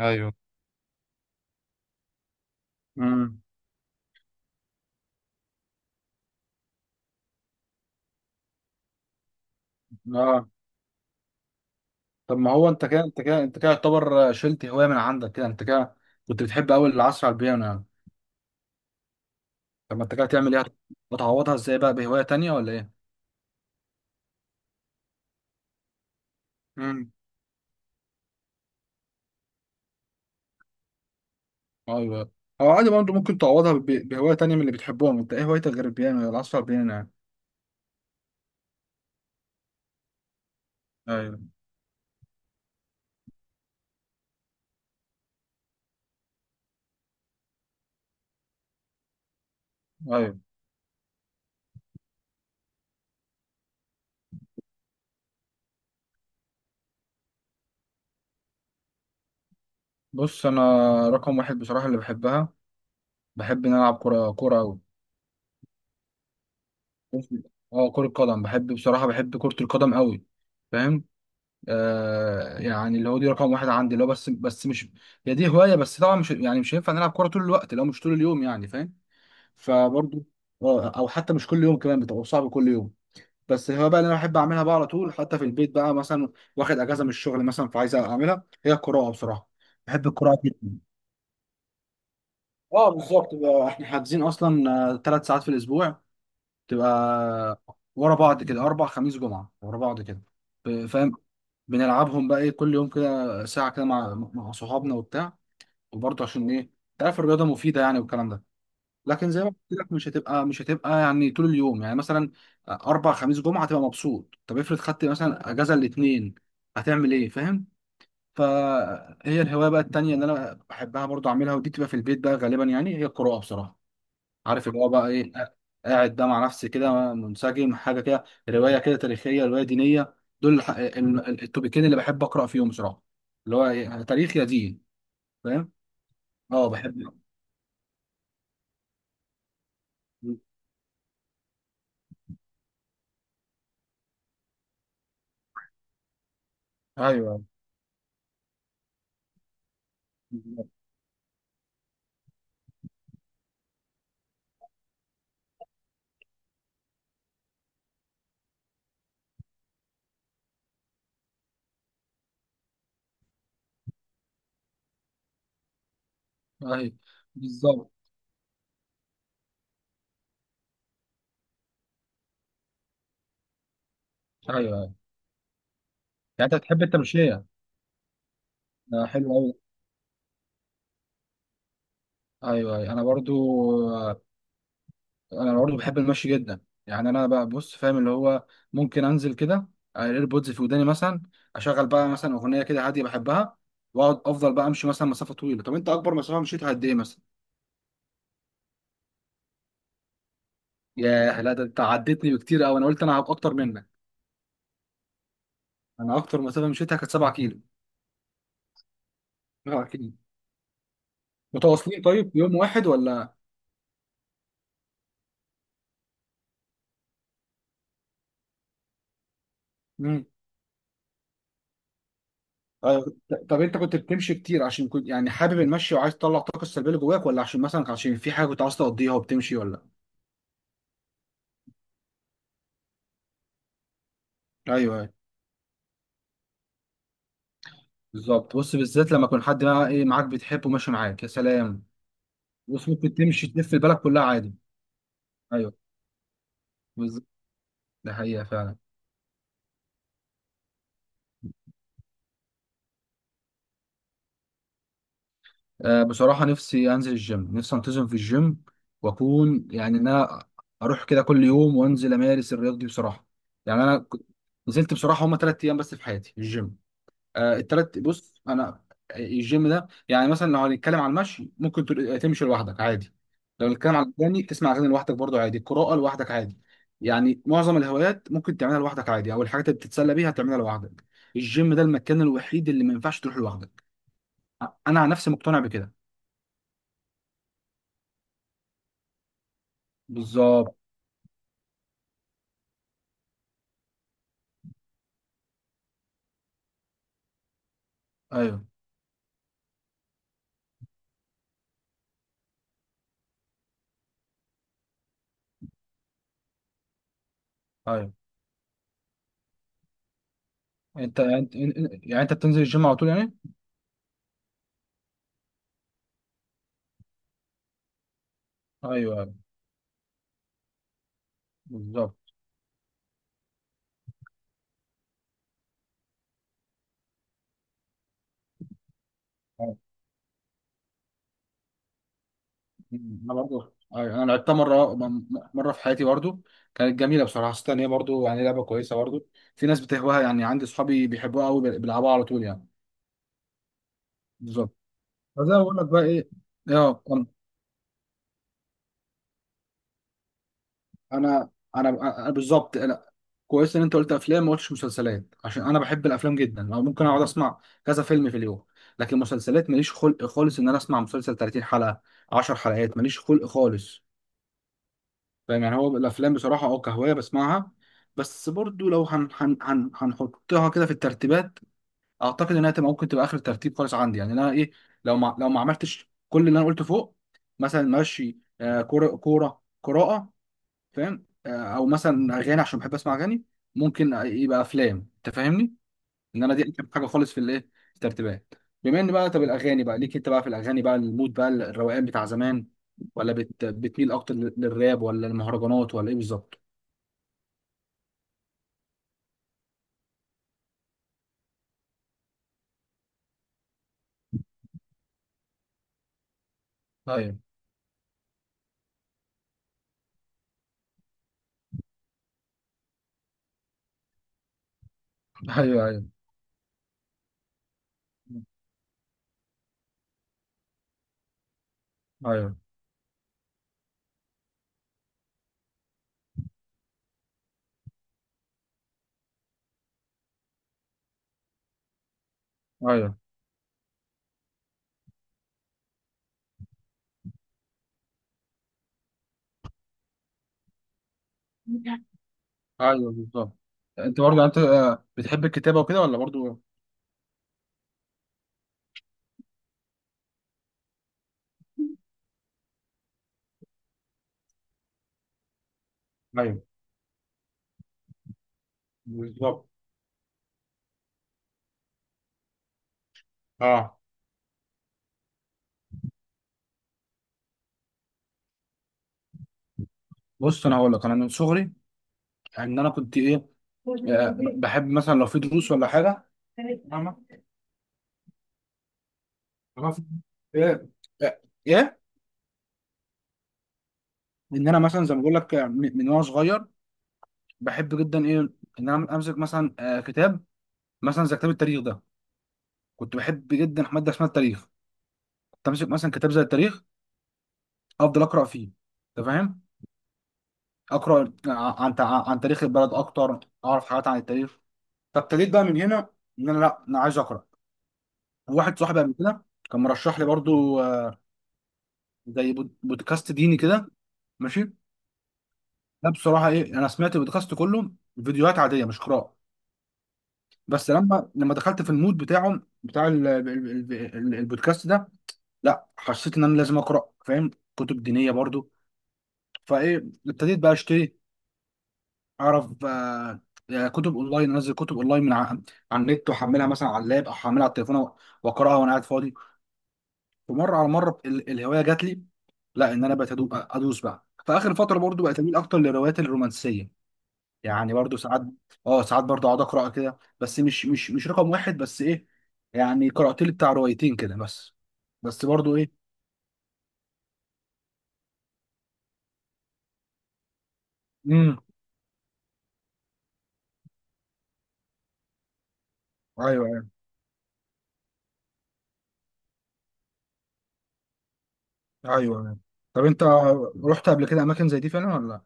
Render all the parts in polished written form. ايوه. امم اه، طب ما هو انت كده يعتبر شلت هوايه من عندك كده، انت كده كنت بتحب قوي العصر على البيانو يعني؟ طب ما انت كده تعمل ايه؟ هتعوضها ازاي بقى بهوايه تانية ولا ايه؟ امم ايوه، او عادي برضه ممكن تعوضها بهوايه تانية من اللي بتحبهم انت. ايه هوايتك غير البيانو ولا العصر على البيانو يعني؟ ايوه ايوه. بص انا، رقم واحد بصراحه اللي بحبها، بحب ان أنا العب كوره قوي. اه، كره قدم. بحب بصراحه بحب كره القدم قوي. فاهم؟ يعني اللي هو دي رقم واحد عندي، اللي هو بس مش، هي دي هوايه. بس طبعا مش يعني مش هينفع نلعب كوره طول الوقت لو مش طول اليوم يعني. فاهم؟ فبرضو او حتى مش كل يوم كمان، بتبقى صعب كل يوم. بس الهوايه بقى اللي انا بحب اعملها بقى على طول حتى في البيت بقى، مثلا واخد اجازه من الشغل مثلا فعايز اعملها، هي القراءه بصراحه. بحب القراءه جدا. اه بالظبط، بقى احنا حاجزين اصلا ثلاث ساعات في الاسبوع، تبقى ورا بعض كده، اربع خميس جمعه ورا بعض كده. فاهم؟ بنلعبهم بقى ايه، كل يوم كده ساعه كده مع صحابنا وبتاع. وبرضه عشان ايه، انت عارف الرياضه مفيده يعني والكلام ده. لكن زي ما قلت لك مش هتبقى يعني طول اليوم يعني. مثلا اربع خميس جمعه هتبقى مبسوط، طب افرض خدت مثلا اجازه الاثنين، هتعمل ايه؟ فاهم؟ فهي الهوايه بقى التانيه اللي انا بحبها برضه اعملها، ودي بتبقى في البيت بقى غالبا، يعني هي القراءه بصراحه. عارف اللي هو بقى ايه، قاعد بقى مع نفسي كده منسجم حاجه كده، روايه كده تاريخيه، روايه دينيه. دول التوبيكين اللي بحب اقرا فيهم بصراحه، اللي هو إيه، تاريخ يا دين. فاهم؟ اه بحب. ايوه بالظبط. ايوه بالظبط. ايوه أيوه. يعني انت بتحب التمشيه؟ حلو قوي. ايوه أيوة. انا برضو، انا برضه بحب المشي جدا. يعني انا بقى بص، فاهم اللي هو ممكن انزل كده، الايربودز في وداني مثلا، اشغل بقى مثلا اغنيه كده هاديه بحبها، واقعد افضل بقى امشي مثلا مسافه طويله. طب انت اكبر مسافه مشيتها قد ايه مثلا؟ ياه، لا ده انت عدتني بكتير قوي. انا قلت انا هبقى اكتر منك. انا اكتر مسافه مشيتها كانت 7 كيلو. 7 كيلو متواصلين؟ طيب يوم واحد ولا؟ امم ايوه. طب انت كنت بتمشي كتير عشان كنت يعني حابب المشي وعايز تطلع الطاقه السلبيه اللي جواك، ولا عشان مثلا، عشان في حاجه كنت عايز تقضيها وبتمشي ولا؟ ايوه بالظبط. بص، بالذات لما يكون حد بقى ايه معاك بتحبه ماشي معاك يا سلام. بص ممكن تمشي تلف البلد كلها عادي. ايوه بالظبط. ده حقيقه فعلا. آه بصراحه نفسي انزل الجيم، نفسي انتظم في الجيم واكون يعني ان انا اروح كده كل يوم وانزل امارس الرياضه دي بصراحه. يعني انا نزلت بصراحه هما ثلاث ايام بس في حياتي الجيم. آه التلات. بص انا الجيم ده يعني، مثلا لو هنتكلم على المشي ممكن تمشي لوحدك عادي، لو هنتكلم على الاغاني تسمع اغاني لوحدك برضو عادي، القراءه لوحدك عادي. يعني معظم الهوايات ممكن تعملها لوحدك عادي، او الحاجات اللي بتتسلى بيها تعملها لوحدك. الجيم ده المكان الوحيد اللي ما ينفعش تروح لوحدك. انا عن نفسي مقتنع بكده. بالظبط. ايوه ايوه. انت يعني انت بتنزل الجيم على طول يعني؟ ايوه ايوه بالظبط. انا برضو أيوة، انا لعبتها مره، مره في حياتي برضو. كانت جميله بصراحه. حسيت ان هي برضو يعني لعبه كويسه برضو. في ناس بتهواها يعني، عندي صحابي بيحبوها قوي بيلعبوها على طول يعني. بالظبط. فزي ما بقول لك بقى ايه. اه انا انا انا أنا بالظبط انا، كويس ان انت قلت افلام ما قلتش مسلسلات، عشان انا بحب الافلام جدا، او ممكن اقعد اسمع كذا فيلم في اليوم. لكن مسلسلات ماليش خلق خالص ان انا اسمع مسلسل 30 حلقه، 10 حلقات ماليش خلق خالص. فاهم يعني. هو الافلام بصراحه اه كهوايه بسمعها، بس برضو لو هن هن هن هنحطها كده في الترتيبات، اعتقد انها تبقى ممكن تبقى اخر ترتيب خالص عندي يعني. انا ايه، لو ما عملتش كل اللي انا قلته فوق، مثلا ماشي آه، كوره، قراءه. فاهم آه، او مثلا اغاني عشان بحب اسمع اغاني، ممكن يبقى افلام. انت فاهمني، ان انا دي اخر حاجه خالص في الايه، في الترتيبات. بما ان بقى، طب الاغاني بقى ليك انت بقى، في الاغاني بقى المود بقى الروقان بتاع زمان، ولا بتميل اكتر للراب ولا المهرجانات ولا ايه بالظبط؟ ايوه ايوه ايوه ايوه ايوه. ايوه بالظبط. انت برضه يعني انت، بتحب الكتابه وكده ولا برضه؟ ايوه بالظبط. اه. بص انا هقول لك، انا من صغري ان انا كنت ايه، بحب مثلا لو في دروس ولا حاجه. فاهمه. انا في ايه، ايه ان انا مثلا زي ما بقول لك من وانا صغير، بحب جدا ايه، ان انا امسك مثلا كتاب، مثلا زي كتاب التاريخ ده. كنت بحب جدا ماده اسمها التاريخ. كنت امسك مثلا كتاب زي التاريخ، افضل اقرا فيه. انت فاهم؟ اقرا عن تاريخ البلد اكتر، اعرف حاجات عن التاريخ. فابتديت بقى من هنا، ان انا لا انا عايز اقرا. واحد صاحبي قبل كده كان مرشح لي برضو زي بودكاست ديني كده، ماشي. ده بصراحه ايه، انا سمعت البودكاست كله، فيديوهات عاديه مش قراءه. بس لما دخلت في المود بتاعه بتاع ال- البودكاست ده، لا حسيت ان انا لازم اقرا. فاهم؟ كتب دينيه برضو. فايه ابتديت بقى اشتري، اعرف كتب اونلاين، انزل كتب اونلاين على النت، واحملها مثلا على اللاب، او احملها على التليفون واقراها وانا قاعد فاضي. ومره على مره ال- الهوايه جات لي. لا ان انا بقيت ادوس بقى. فاخر فتره برضو بقيت اميل اكتر للروايات الرومانسيه. يعني برضو ساعات، اه ساعات برضو اقعد اقرا كده، بس مش رقم واحد بس. ايه يعني، قرات لي بتاع روايتين كده بس. بس برضو ايه. امم ايوه ايوه ايوه أيوة. طب انت رحت قبل كده اماكن زي دي فعلا ولا لا؟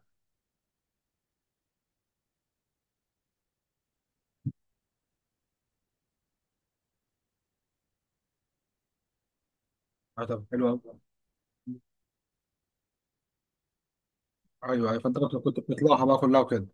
آه طب حلو قوي. ايوه ايوه. فانت كنت بتطلعها بقى كلها وكده.